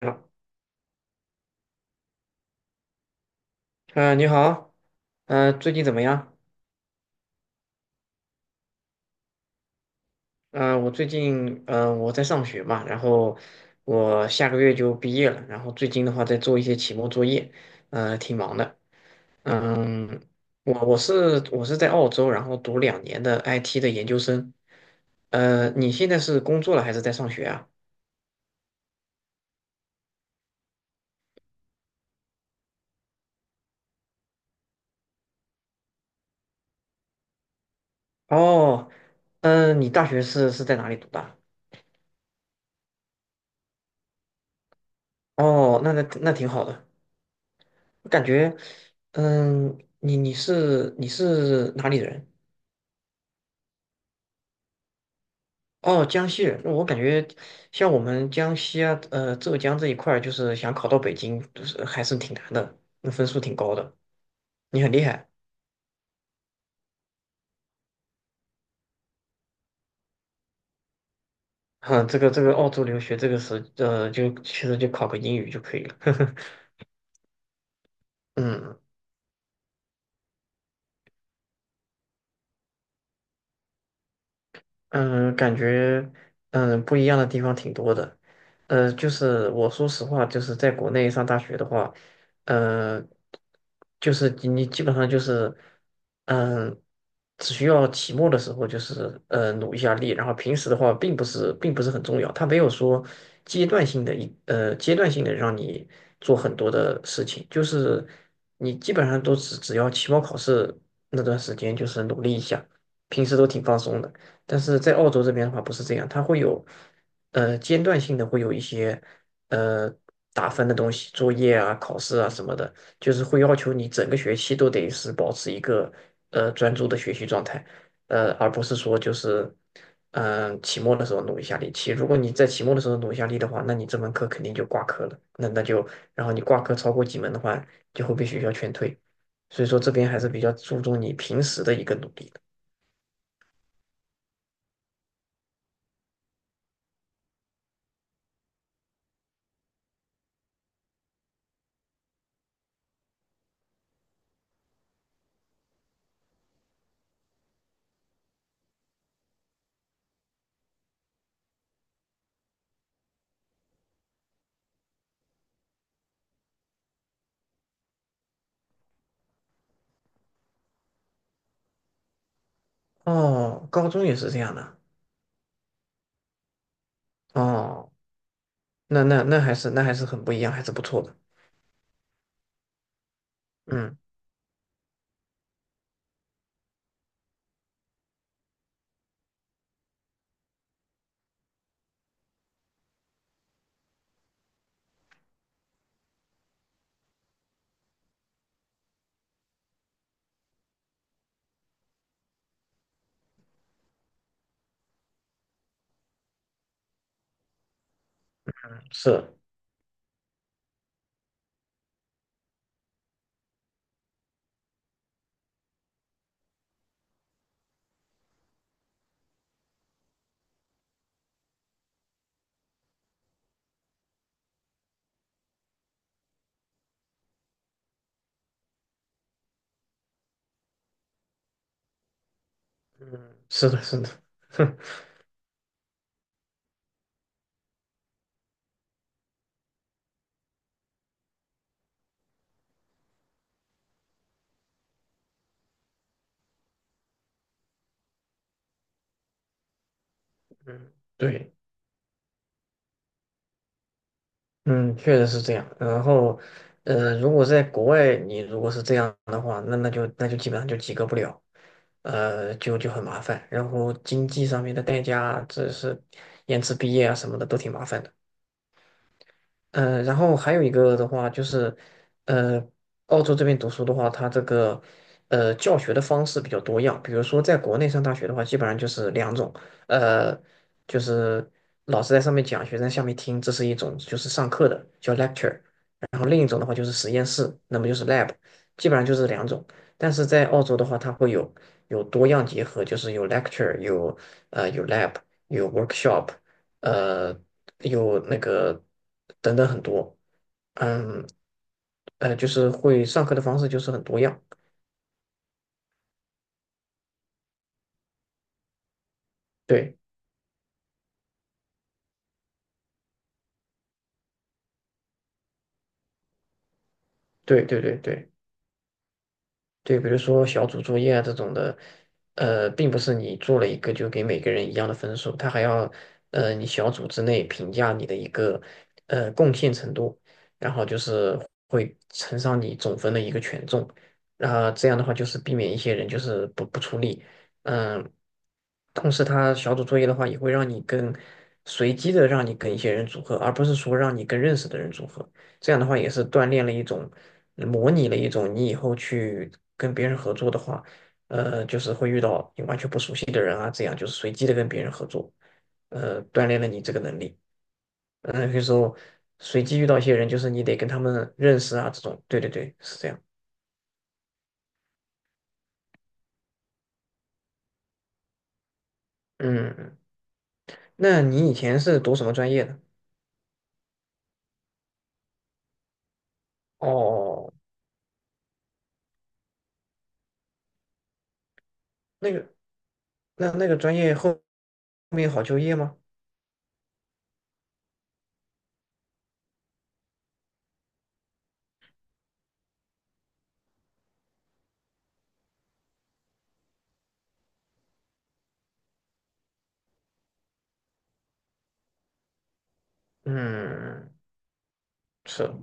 嗯。你好，最近怎么样？我最近，我在上学嘛，然后我下个月就毕业了，然后最近的话在做一些期末作业，挺忙的。嗯。我是在澳洲，然后读两年的 IT 的研究生。你现在是工作了还是在上学啊？哦。嗯、你大学是在哪里读的？哦，那挺好的，我感觉。嗯，你是哪里人？哦，江西人，那我感觉像我们江西啊，浙江这一块儿，就是想考到北京，就是还是挺难的，那分数挺高的。你很厉害。哼，这个澳洲留学这个是，就其实就考个英语就可以了。嗯。嗯，感觉不一样的地方挺多的，就是我说实话，就是在国内上大学的话，呃，就是你基本上就是嗯，只需要期末的时候就是努一下力，然后平时的话并不是很重要，它没有说阶段性的阶段性的让你做很多的事情，就是你基本上都只要期末考试那段时间就是努力一下，平时都挺放松的。但是在澳洲这边的话不是这样，它会有间断性的会有一些呃打分的东西，作业啊、考试啊什么的，就是会要求你整个学期都得是保持一个专注的学习状态，而不是说就是期末的时候努一下力。如果你在期末的时候努一下力的话，那你这门课肯定就挂科了，那那就然后你挂科超过几门的话，就会被学校劝退。所以说这边还是比较注重你平时的一个努力的。哦，高中也是这样的。哦，那还是还是很不一样，还是不错的。嗯，是。嗯，是的，嗯，对。嗯，确实是这样。然后，如果在国外，你如果是这样的话，那就基本上就及格不了，就很麻烦。然后经济上面的代价，这是延迟毕业啊什么的都挺麻烦的。然后还有一个的话就是，呃，澳洲这边读书的话，它这个教学的方式比较多样。比如说，在国内上大学的话，基本上就是两种，呃，就是老师在上面讲，学生在下面听，这是一种就是上课的叫 lecture，然后另一种的话就是实验室，那么就是 lab，基本上就是两种。但是在澳洲的话，它会有多样结合，就是有 lecture，有有 lab，有 workshop。呃有那个等等很多。嗯。就是会上课的方式就是很多样。对对对对对。对，比如说小组作业啊这种的，并不是你做了一个就给每个人一样的分数，他还要，你小组之内评价你的一个，贡献程度，然后就是会乘上你总分的一个权重，然后这样的话就是避免一些人就是不出力。嗯，同时他小组作业的话也会让你跟随机的让你跟一些人组合，而不是说让你跟认识的人组合。这样的话也是锻炼了一种，模拟了一种你以后去跟别人合作的话，就是会遇到你完全不熟悉的人啊，这样就是随机的跟别人合作，锻炼了你这个能力。嗯、有些时候随机遇到一些人，就是你得跟他们认识啊，这种。对对对，是这样。嗯。嗯，那你以前是读什么专业的？哦，那个，那那个专业后面好就业吗？嗯，是。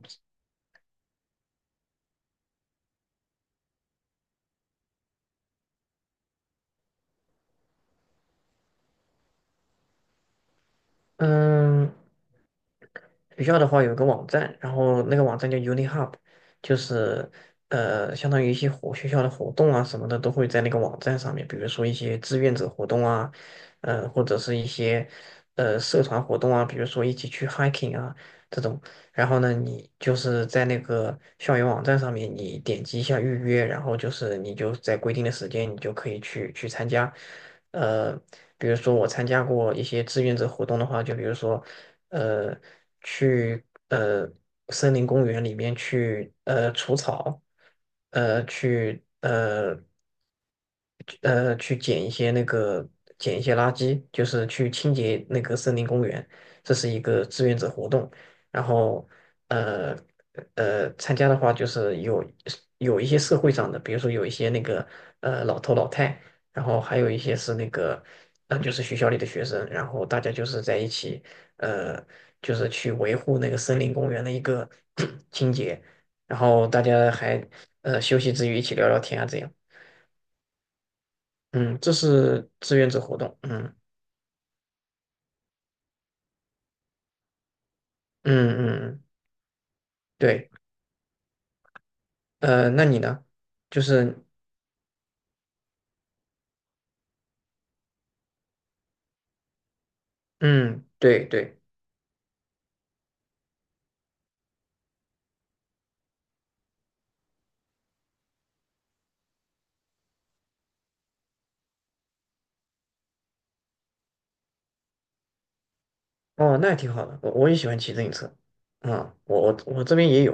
嗯。学校的话有个网站，然后那个网站叫 UniHub，就是相当于一些学校的活动啊什么的都会在那个网站上面，比如说一些志愿者活动啊，或者是一些社团活动啊，比如说一起去 hiking 啊这种。然后呢，你就是在那个校园网站上面，你点击一下预约，然后就是你就在规定的时间，你就可以去参加。呃，比如说我参加过一些志愿者活动的话，就比如说，呃，去呃森林公园里面去除草，呃去呃去捡一些那个捡一些垃圾，就是去清洁那个森林公园，这是一个志愿者活动。然后呃参加的话就是有一些社会上的，比如说有一些那个老头老太，然后还有一些是那个就是学校里的学生，然后大家就是在一起呃就是去维护那个森林公园的一个 清洁，然后大家还休息之余一起聊聊天啊这样。嗯，这是志愿者活动。嗯嗯。嗯嗯对。那你呢？就是嗯，对对。哦，那也挺好的，我也喜欢骑自行车。啊、我这边也有。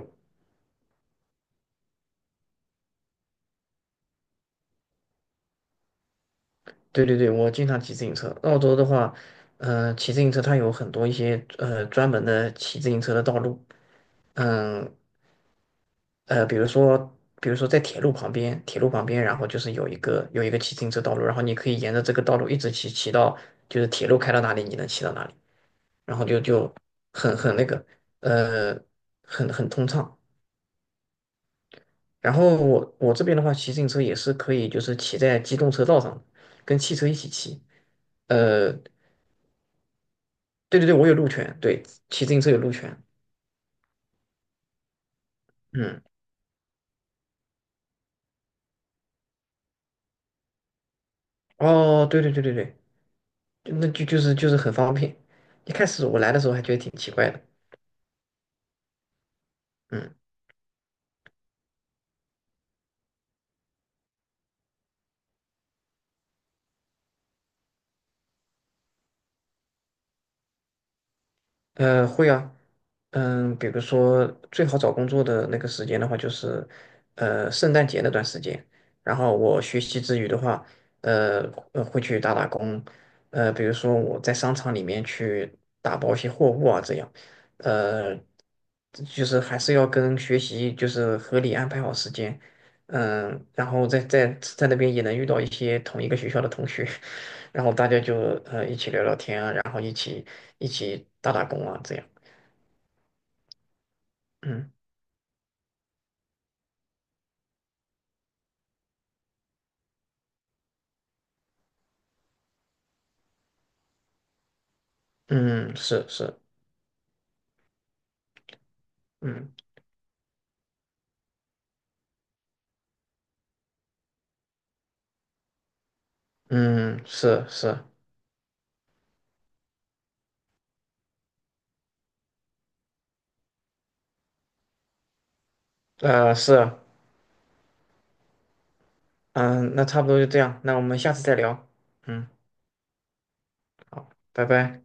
对对对，我经常骑自行车。澳洲的话，嗯、骑自行车它有很多一些专门的骑自行车的道路。嗯。呃，比如说比如说在铁路旁边，铁路旁边，然后就是有一个骑自行车道路，然后你可以沿着这个道路一直骑到就是铁路开到哪里，你能骑到哪里，然后就就那个呃很很通畅。然后我这边的话，骑自行车也是可以，就是骑在机动车道上，跟汽车一起骑。呃，对对对，我有路权，对，骑自行车有路权。嗯。哦，对对对对对，就那就就是就是很方便。一开始我来的时候还觉得挺奇怪的。嗯。会啊。嗯，比如说最好找工作的那个时间的话，就是圣诞节那段时间。然后我学习之余的话，呃会去打打工，比如说我在商场里面去打包一些货物啊，这样。呃这就是还是要跟学习就是合理安排好时间。嗯，然后在那边也能遇到一些同一个学校的同学。然后大家就一起聊聊天啊，然后一起。一起打打工啊，这样。嗯嗯，是是。嗯嗯是是。是啊。嗯，那差不多就这样，那我们下次再聊。嗯。好，拜拜。